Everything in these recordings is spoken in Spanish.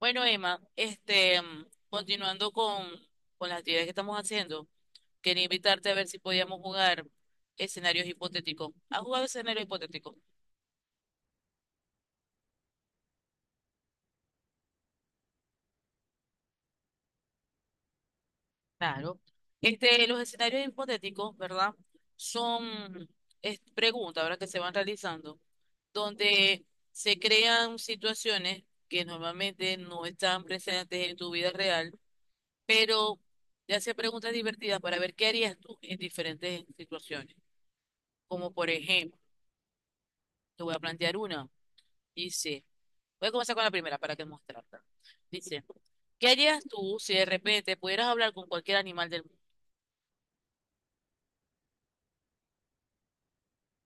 Bueno, Emma, continuando con las actividades que estamos haciendo, quería invitarte a ver si podíamos jugar escenarios hipotéticos. ¿Has jugado escenarios hipotéticos? Claro. Los escenarios hipotéticos, ¿verdad? Son preguntas, ¿verdad? Que se van realizando, donde se crean situaciones que normalmente no están presentes en tu vida real, pero te hace preguntas divertidas para ver qué harías tú en diferentes situaciones. Como por ejemplo, te voy a plantear una. Dice, voy a comenzar con la primera para que mostrarte. Dice, ¿qué harías tú si de repente pudieras hablar con cualquier animal del mundo?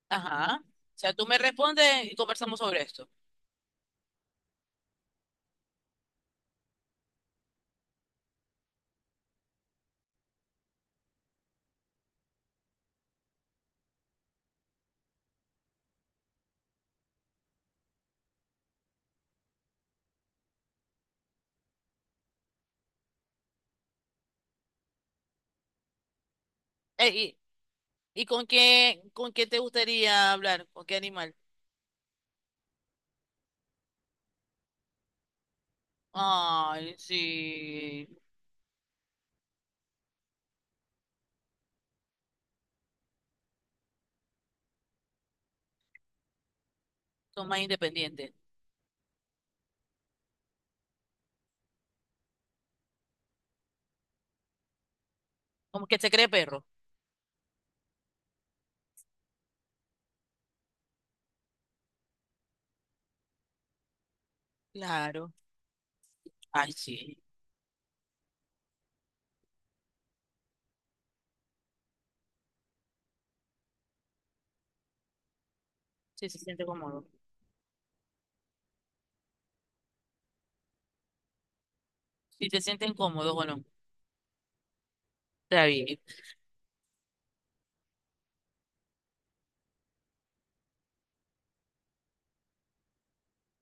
Ajá. O sea, tú me respondes y conversamos sobre esto. Eh, y, ¿y con con qué te gustaría hablar? ¿Con qué animal? Ay, sí. Son más independientes. Como que se cree perro. Claro. Ay, sí. Sí, se siente cómodo. Si te sienten cómodos, bueno, está bien.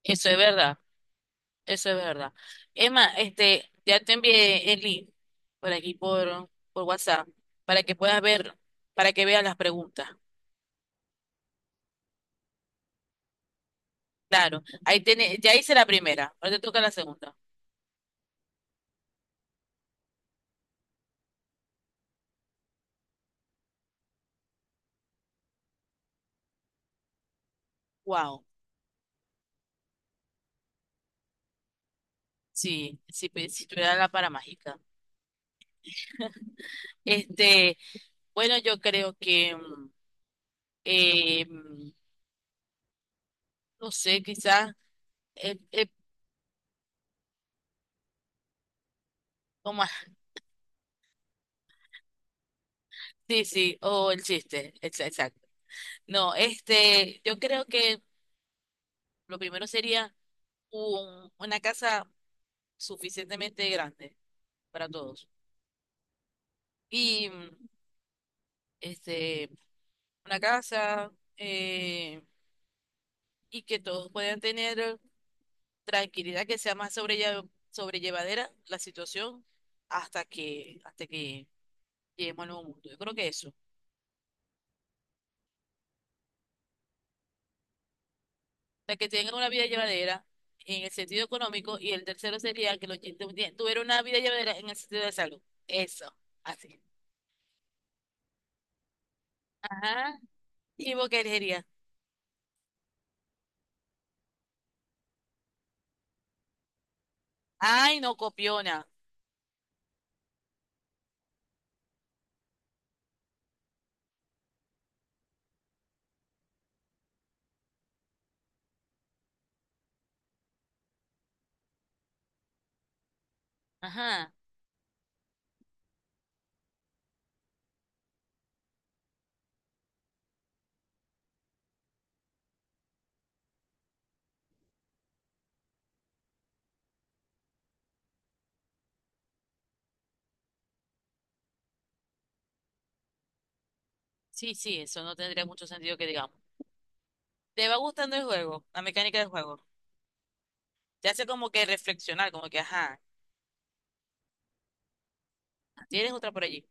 Eso es verdad. Eso es verdad. Emma, ya te envié el link por aquí por WhatsApp para que puedas ver, para que veas las preguntas. Claro, ahí tiene, ya hice la primera, ahora te toca la segunda. Wow, sí, si tuviera la para mágica. Este, bueno, yo creo que, eh, mm, no sé, quizás, eh, eh, o más sí, sí, o el chiste, exacto. No, yo creo que lo primero sería una casa suficientemente grande para todos. Y mm, este, una casa eh, y que todos puedan tener tranquilidad, que sea más sobrellevadera la situación hasta que lleguemos al nuevo mundo. Yo creo que eso. O sea, que tengan una vida llevadera en el sentido económico y el tercero sería que los tuvieran una vida llevadera en el sentido de salud. Eso, así. Ajá, ¿y vos qué elegirías? Ay, no, copiona. Ajá. Sí, sí, eso no tendría mucho sentido que digamos. Te va gustando el juego, la mecánica del juego. Te hace como que reflexionar, como que, ajá, tienes otra por allí.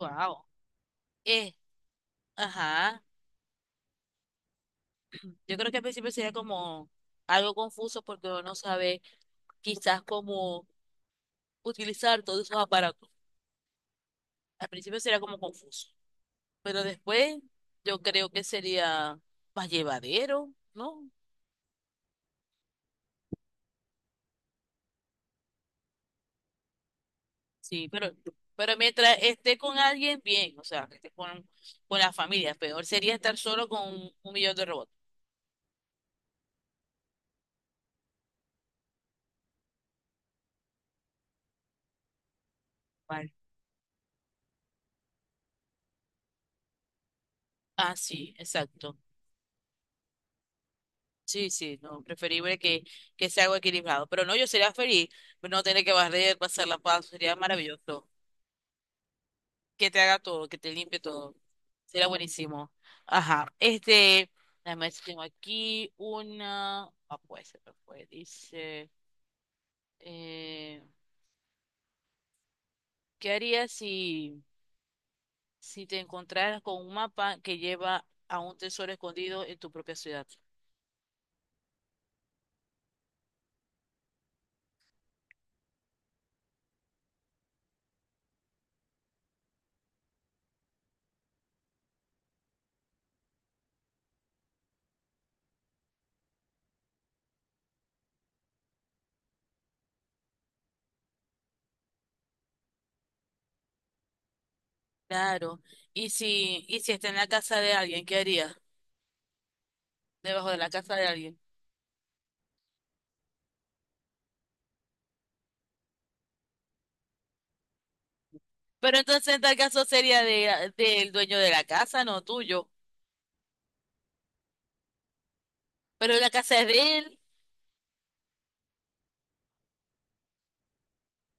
Wow. Eh, ajá. Yo creo que al principio sería como algo confuso porque uno no sabe quizás cómo utilizar todos esos aparatos. Al principio sería como confuso, pero después yo creo que sería más llevadero, ¿no? Sí, pero, pero mientras esté con alguien, bien, o sea, que esté con la familia, peor sería estar solo con un millón de robots. Vale. Ah, sí, exacto. Sí, sí, no, que sea algo equilibrado. Pero no, yo sería feliz, pero no tener que barrer, pasar la paz, sería maravilloso. Que te haga todo, que te limpie todo, sería buenísimo. Ajá, déjame ver si tengo aquí una, ah, pues se me fue, dice, eh, ¿qué haría si si te encontraras con un mapa que lleva a un tesoro escondido en tu propia ciudad. Claro. Y si está en la casa de alguien, ¿qué harías? Debajo de la casa de alguien. Pero entonces en tal caso sería del dueño de la casa, no tuyo. Pero la casa es de él.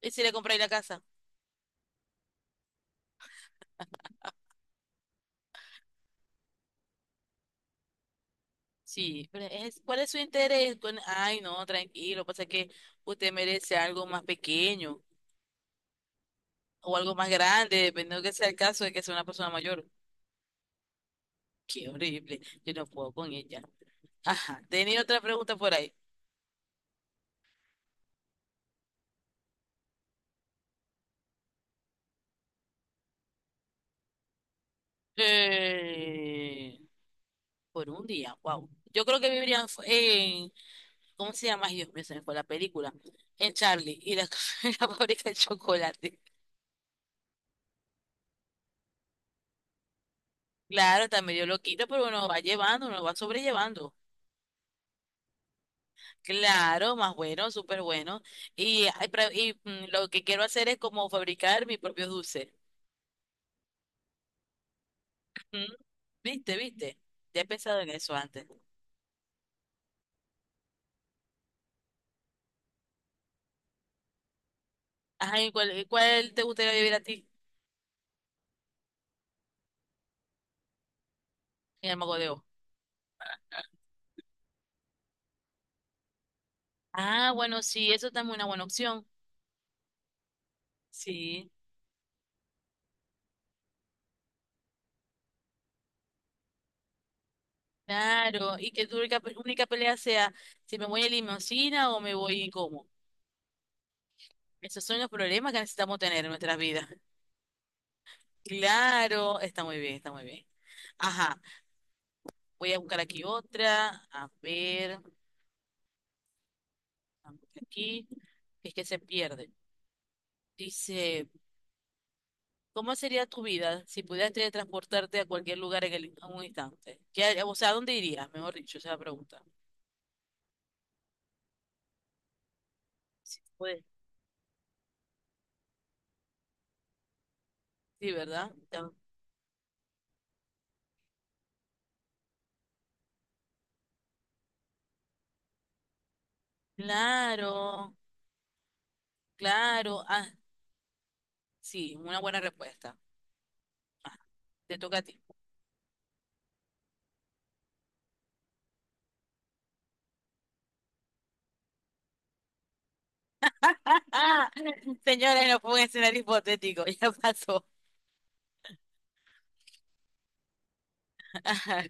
¿Y si le compráis la casa? Sí, ¿cuál es su interés? Ay, no, tranquilo, pasa que usted merece algo más pequeño o algo más grande, dependiendo que sea el caso de que sea una persona mayor. Qué horrible. Yo no puedo con ella. Ajá. Tenía otra pregunta por ahí. Eh, por un día, wow. Yo creo que vivirían ¿cómo se llama? Ay, Dios mío, se me fue la película. En Charlie y la, la fábrica de chocolate. Claro, también yo lo quito, pero uno va llevando, uno va sobrellevando. Claro, más bueno, súper bueno. Y, ay, lo que quiero hacer es como fabricar mi propio dulce. Ujú. ¿Viste, viste? Ya he pensado en eso antes. Ajá, ¿y cuál te gustaría vivir a ti en el Mago de Oz? Ah, bueno, sí, eso también es una buena opción. Sí, claro. Y que tu única pelea sea si me voy en limusina o me voy como. Esos son los problemas que necesitamos tener en nuestras vidas. Claro, está muy bien, está muy bien. Ajá, voy a buscar aquí otra. A ver, vamos aquí. Es que se pierde. Dice, ¿cómo sería tu vida si pudieras teletransportarte a cualquier lugar en un instante? ¿Qué har- o sea, ¿A dónde irías? Mejor dicho, esa es la pregunta. Sí, puedes. Sí, ¿verdad? Ya. Claro, claro. Ah, sí, una buena respuesta. Ah, te toca a ti. Ah, señores, no fue un escenario hipotético, ya pasó. Ajá.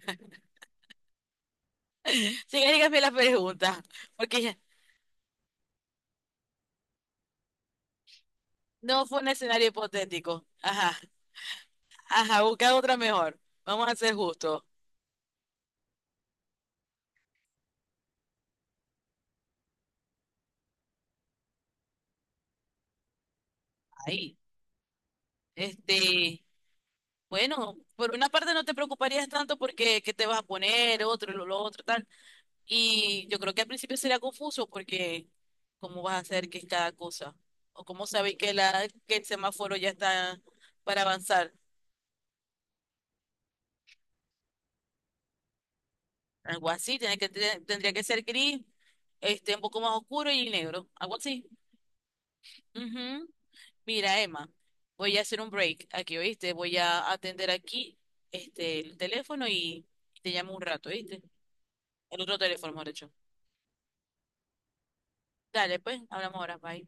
Sí, hay que la pregunta, porque no fue un escenario hipotético. Ajá, ajá, busca otra mejor. Vamos a ser justos. Ahí. Este. Bueno, por una parte no te preocuparías tanto porque qué te vas a poner, otro, lo otro, tal. Y yo creo que al principio sería confuso porque cómo vas a hacer qué es cada cosa. O cómo sabéis que el semáforo ya está para avanzar. Algo así, tendría que ser gris, un poco más oscuro y negro. Algo así. Ujú. Mira, Emma, voy a hacer un break aquí, ¿oíste? Voy a atender aquí el teléfono y te llamo un rato, ¿oíste? El otro teléfono, mejor dicho. Dale, pues, hablamos ahora, bye.